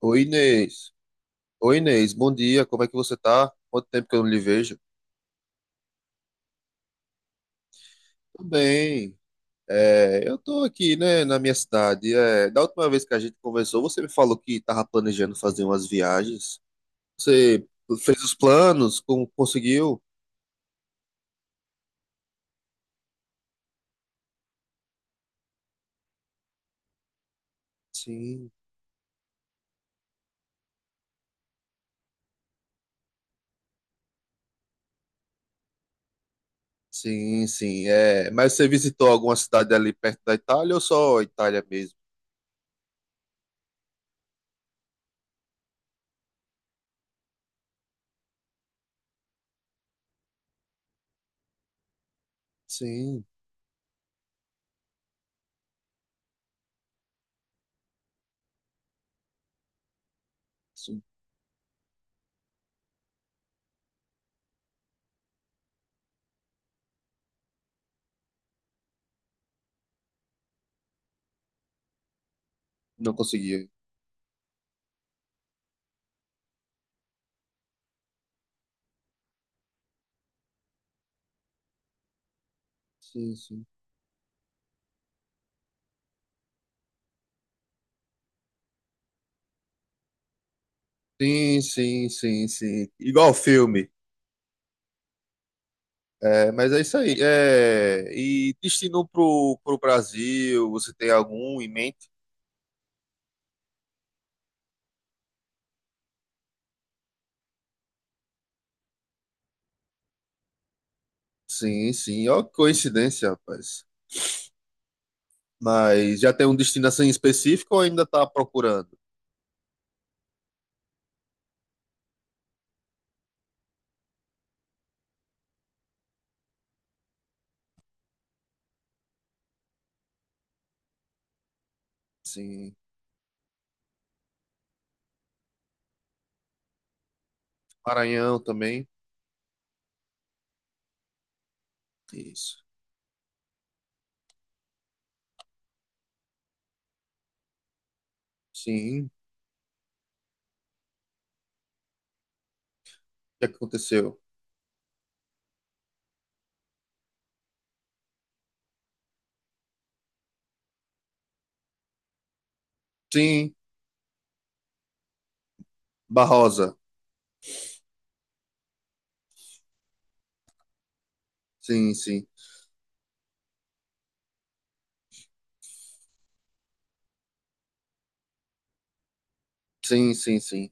Oi, Inês. Oi, Inês. Bom dia. Como é que você tá? Quanto tempo que eu não lhe vejo? Tudo bem. É, eu tô aqui, né, na minha cidade. É, da última vez que a gente conversou, você me falou que tava planejando fazer umas viagens. Você fez os planos? Como conseguiu? Sim, sim, sim. É, mas você visitou alguma cidade ali perto da Itália ou só a Itália mesmo? Sim, sim. Não conseguiu. Sim, sim. Sim, sim, sim, sim. Igual filme. É, mas é isso aí. É, e destino pro Brasil, você tem algum em mente? Sim, sim. Ó, que coincidência, rapaz. Mas já tem um destino assim específico ou ainda tá procurando? Sim. Maranhão também. Isso. Sim. O que aconteceu? Sim. Barrosa. Sim, sim. Sim, sim, sim.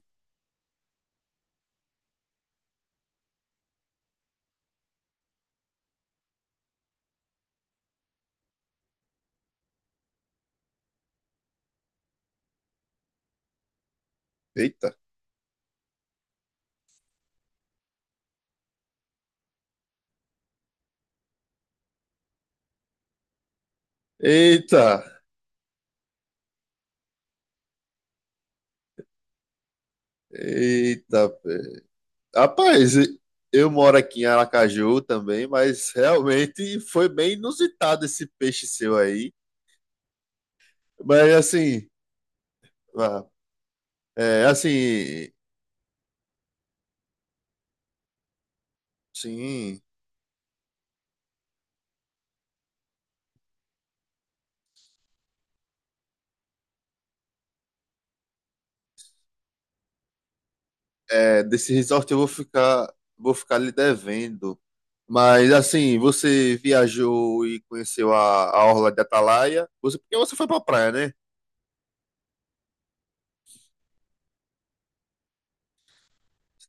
Eita. Eita. Eita. Rapaz, eu moro aqui em Aracaju também, mas realmente foi bem inusitado esse peixe seu aí. Mas assim, vá, é, assim, sim, é, desse resort eu vou ficar lhe devendo. Mas assim, você viajou e conheceu a Orla de Atalaia? Porque você foi pra praia, né?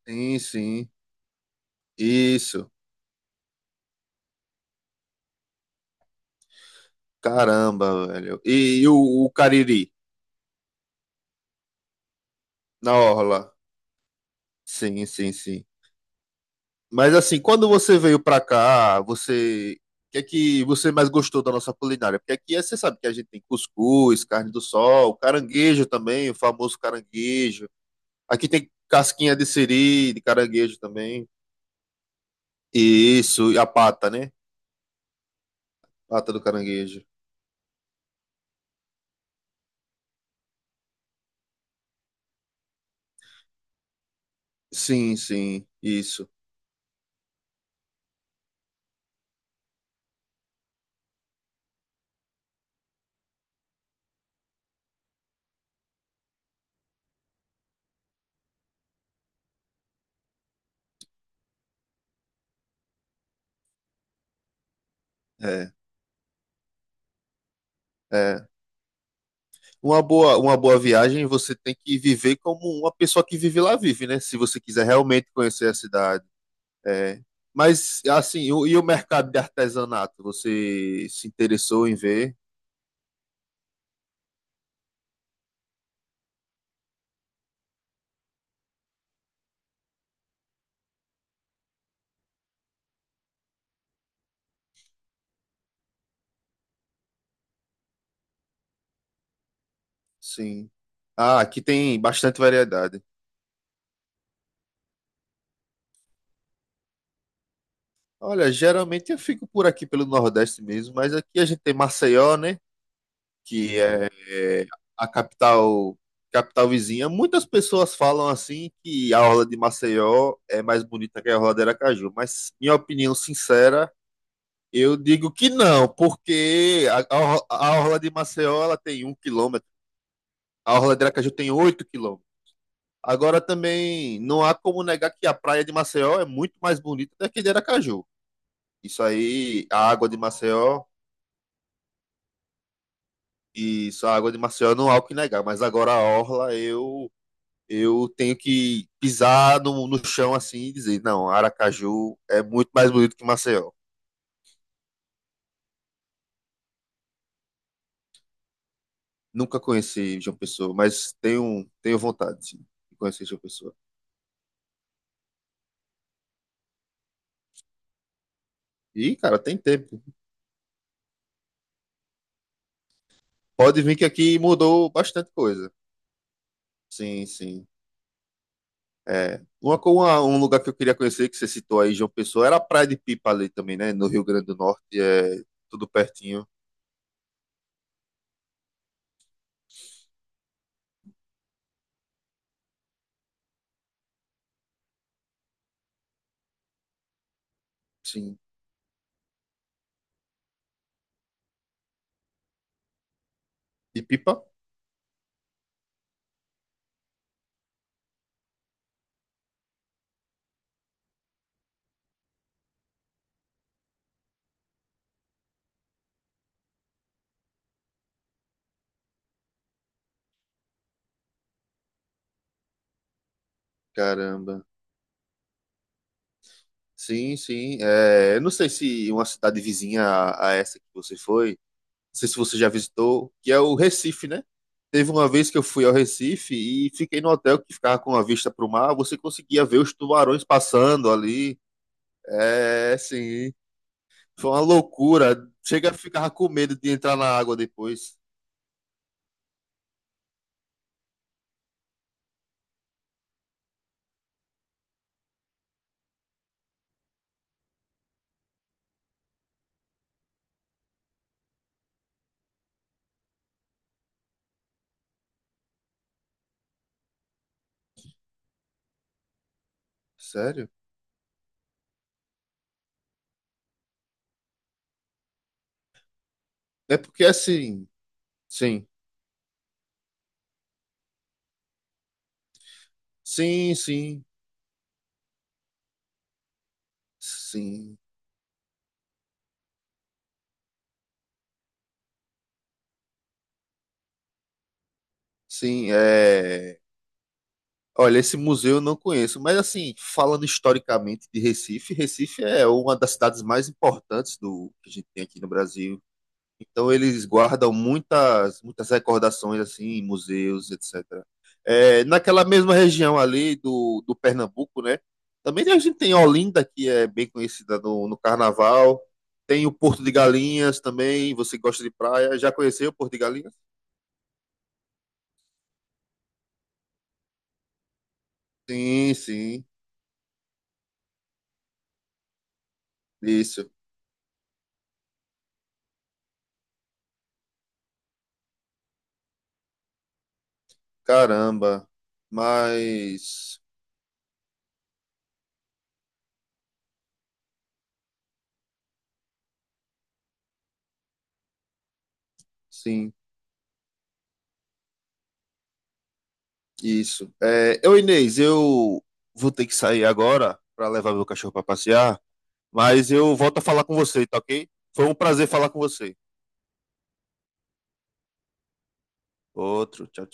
Sim, sim. Isso. Caramba, velho. E o Cariri na Orla? Sim, sim, sim. Mas assim, quando você veio pra cá, você. O que é que você mais gostou da nossa culinária? Porque você sabe que a gente tem cuscuz, carne do sol, caranguejo também, o famoso caranguejo. Aqui tem casquinha de siri, de caranguejo também. E isso, e a pata, né? Pata do caranguejo. Sim, sim, isso. É, é. Uma boa viagem você tem que viver como uma pessoa que vive lá vive, né? Se você quiser realmente conhecer a cidade. É. Mas, assim, e o mercado de artesanato? Você se interessou em ver? Sim. Ah, aqui tem bastante variedade. Olha, geralmente eu fico por aqui pelo Nordeste mesmo, mas aqui a gente tem Maceió, né? Que é, a capital vizinha. Muitas pessoas falam assim que a orla de Maceió é mais bonita que a orla de Aracaju, mas minha opinião sincera, eu digo que não, porque a orla de Maceió ela tem um quilômetro. A Orla de Aracaju tem 8 quilômetros. Agora também não há como negar que a praia de Maceió é muito mais bonita do que de Aracaju. Isso aí, a água de Maceió, isso, a água de Maceió não há o que negar, mas agora a orla eu tenho que pisar no chão assim e dizer, não, Aracaju é muito mais bonito que Maceió. Nunca conheci João Pessoa, mas tenho vontade sim, de conhecer João Pessoa. E cara, tem tempo. Pode vir que aqui mudou bastante coisa. Sim, sim. É, um lugar que eu queria conhecer, que você citou aí, João Pessoa, era a Praia de Pipa ali também, né? No Rio Grande do Norte, é tudo pertinho. Sim. De Pipa? Caramba. Sim, sim. É, eu não sei se uma cidade vizinha a essa que você foi, não sei se você já visitou, que é o Recife, né? Teve uma vez que eu fui ao Recife e fiquei no hotel que ficava com a vista para o mar, você conseguia ver os tubarões passando ali. É, sim. Foi uma loucura. Chega, ficava com medo de entrar na água depois. Sério? É porque assim, sim, sim, sim, sim, sim, é. Olha, esse museu eu não conheço, mas assim, falando historicamente de Recife, Recife é uma das cidades mais importantes do que a gente tem aqui no Brasil. Então eles guardam muitas, muitas recordações assim, em museus, etc. É, naquela mesma região ali do Pernambuco, né? Também a gente tem Olinda, que é bem conhecida no carnaval. Tem o Porto de Galinhas também. Você gosta de praia? Já conheceu o Porto de Galinhas? Sim, sim. Isso. Caramba. Mas sim, isso. É, eu, Inês, eu vou ter que sair agora para levar meu cachorro para passear. Mas eu volto a falar com você, tá ok? Foi um prazer falar com você. Outro, tchau, tchau.